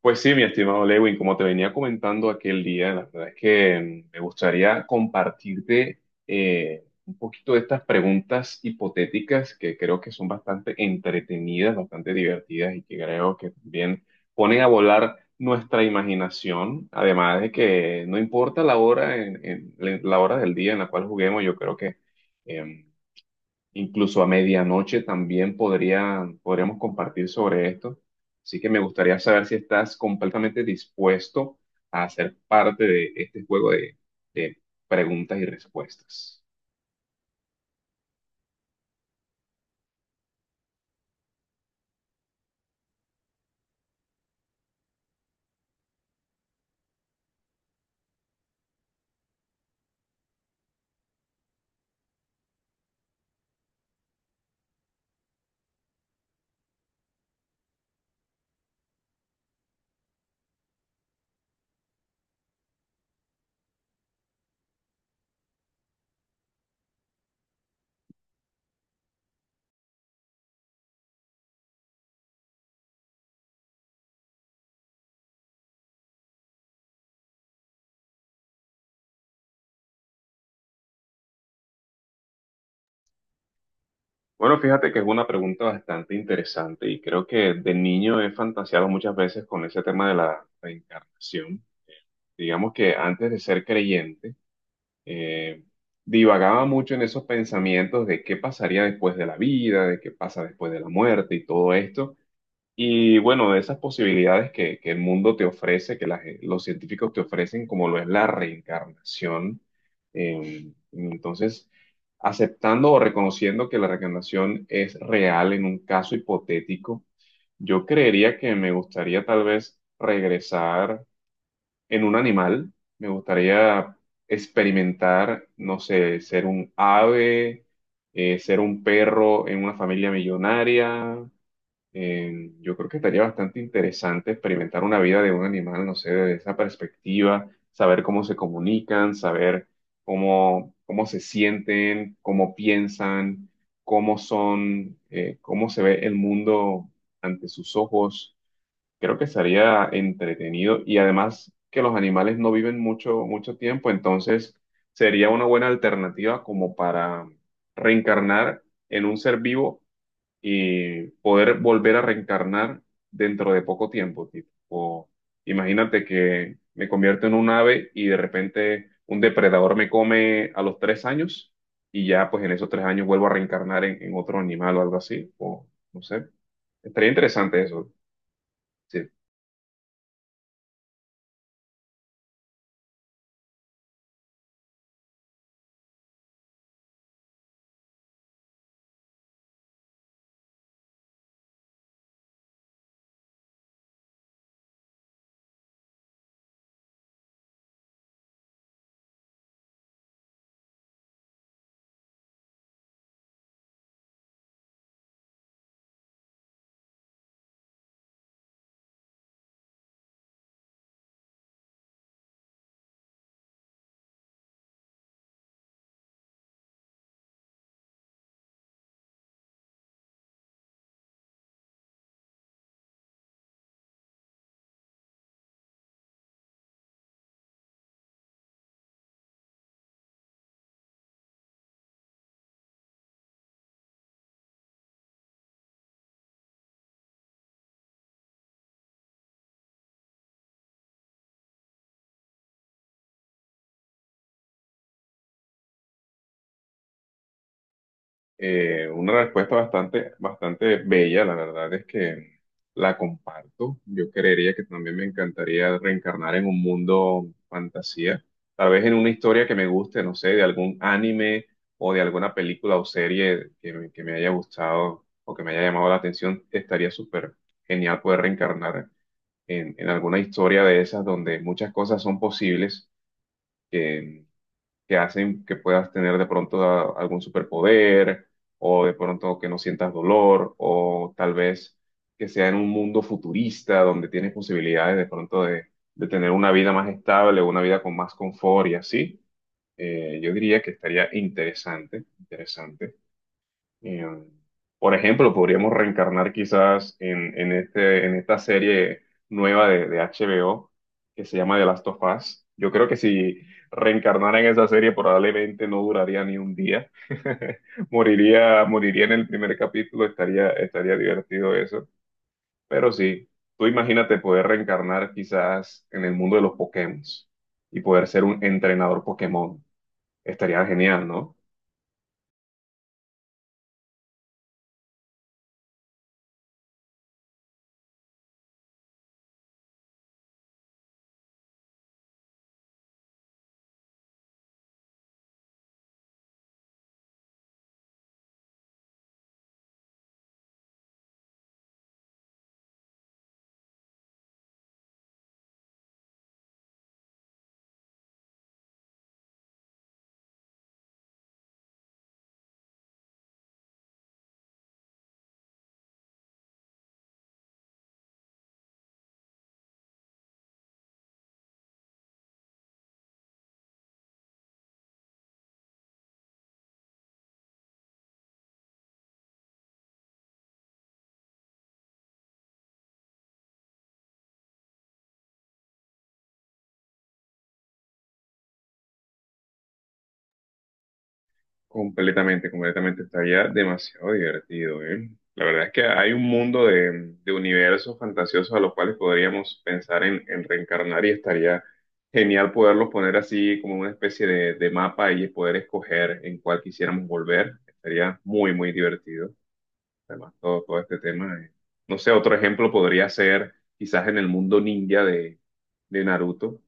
Pues sí, mi estimado Lewin, como te venía comentando aquel día, la verdad es que me gustaría compartirte un poquito de estas preguntas hipotéticas que creo que son bastante entretenidas, bastante divertidas y que creo que también ponen a volar nuestra imaginación. Además de que no importa la hora, la hora del día en la cual juguemos, yo creo que em, incluso a medianoche también podríamos compartir sobre esto. Así que me gustaría saber si estás completamente dispuesto a ser parte de este juego de preguntas y respuestas. Bueno, fíjate que es una pregunta bastante interesante y creo que de niño he fantaseado muchas veces con ese tema de la reencarnación. Digamos que antes de ser creyente, eh, divagaba mucho en esos pensamientos de qué pasaría después de la vida, de qué pasa después de la muerte y todo esto. Y bueno, de esas posibilidades que el mundo te ofrece, que los científicos te ofrecen, como lo es la reencarnación, entonces, aceptando o reconociendo que la reencarnación es real en un caso hipotético, yo creería que me gustaría tal vez regresar en un animal, me gustaría experimentar, no sé, ser un ave, ser un perro en una familia millonaria. Yo creo que estaría bastante interesante experimentar una vida de un animal, no sé, desde esa perspectiva, saber cómo se comunican, saber cómo se sienten, cómo piensan, cómo son, cómo se ve el mundo ante sus ojos. Creo que sería entretenido y además que los animales no viven mucho, mucho tiempo, entonces sería una buena alternativa como para reencarnar en un ser vivo y poder volver a reencarnar dentro de poco tiempo, tipo. O imagínate que me convierto en un ave y de repente un depredador me come a los tres años y ya pues en esos tres años vuelvo a reencarnar en otro animal o algo así. O no sé, estaría interesante eso. Sí. Una respuesta bastante, bastante bella, la verdad es que la comparto. Yo creería que también me encantaría reencarnar en un mundo fantasía, tal vez en una historia que me guste, no sé, de algún anime o de alguna película o serie que me haya gustado o que me haya llamado la atención. Estaría súper genial poder reencarnar en alguna historia de esas donde muchas cosas son posibles que hacen que puedas tener de pronto algún superpoder o de pronto que no sientas dolor o tal vez que sea en un mundo futurista donde tienes posibilidades de pronto de tener una vida más estable, una vida con más confort y así. Yo diría que estaría interesante, interesante. Eh, por ejemplo, podríamos reencarnar quizás en esta serie nueva de HBO que se llama The Last of Us. Yo creo que si reencarnara en esa serie probablemente no duraría ni un día. Moriría en el primer capítulo, estaría divertido eso. Pero sí, tú imagínate poder reencarnar quizás en el mundo de los Pokémon y poder ser un entrenador Pokémon. Estaría genial, ¿no? Completamente, completamente. Estaría demasiado divertido, ¿eh? La verdad es que hay un mundo de universos fantasiosos a los cuales podríamos pensar en reencarnar y estaría genial poderlos poner así como una especie de mapa y poder escoger en cuál quisiéramos volver. Estaría muy, muy divertido. Además, todo este tema. No sé, otro ejemplo podría ser quizás en el mundo ninja de Naruto,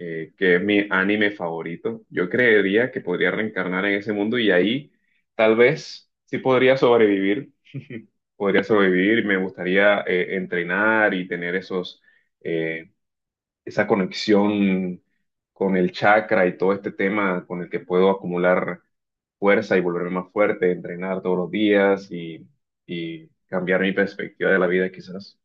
que es mi anime favorito. Yo creería que podría reencarnar en ese mundo y ahí tal vez sí podría sobrevivir, me gustaría entrenar y tener esos, eh, esa conexión con el chakra y todo este tema con el que puedo acumular fuerza y volverme más fuerte, entrenar todos los días y cambiar mi perspectiva de la vida quizás.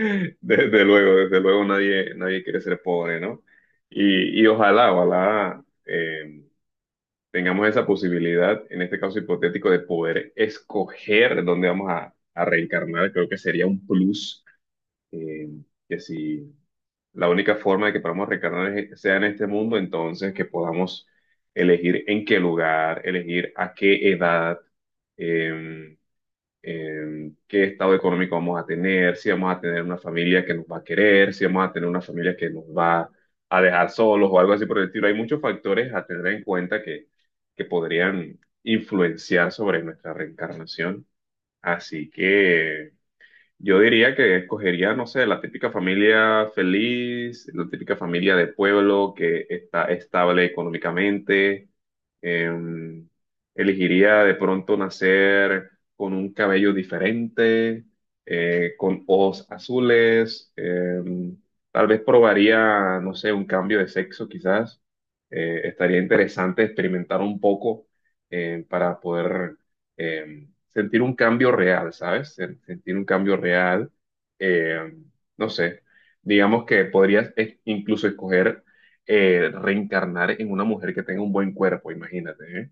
Desde luego nadie, nadie quiere ser pobre, ¿no? Y ojalá, ojalá, tengamos esa posibilidad, en este caso hipotético, de poder escoger dónde vamos a reencarnar. Creo que sería un plus, eh, que si la única forma de que podamos reencarnar sea en este mundo, entonces que podamos elegir en qué lugar, elegir a qué edad. eh, Qué estado económico vamos a tener, si vamos a tener una familia que nos va a querer, si vamos a tener una familia que nos va a dejar solos o algo así por el estilo. Hay muchos factores a tener en cuenta que podrían influenciar sobre nuestra reencarnación. Así que yo diría que escogería, no sé, la típica familia feliz, la típica familia de pueblo que está estable económicamente. Em, Elegiría de pronto nacer con un cabello diferente, con ojos azules. Tal vez probaría, no sé, un cambio de sexo quizás. Estaría interesante experimentar un poco para poder eh, sentir un cambio real, ¿sabes? Sentir un cambio real, eh, no sé, digamos que podrías incluso escoger reencarnar en una mujer que tenga un buen cuerpo, imagínate, ¿eh?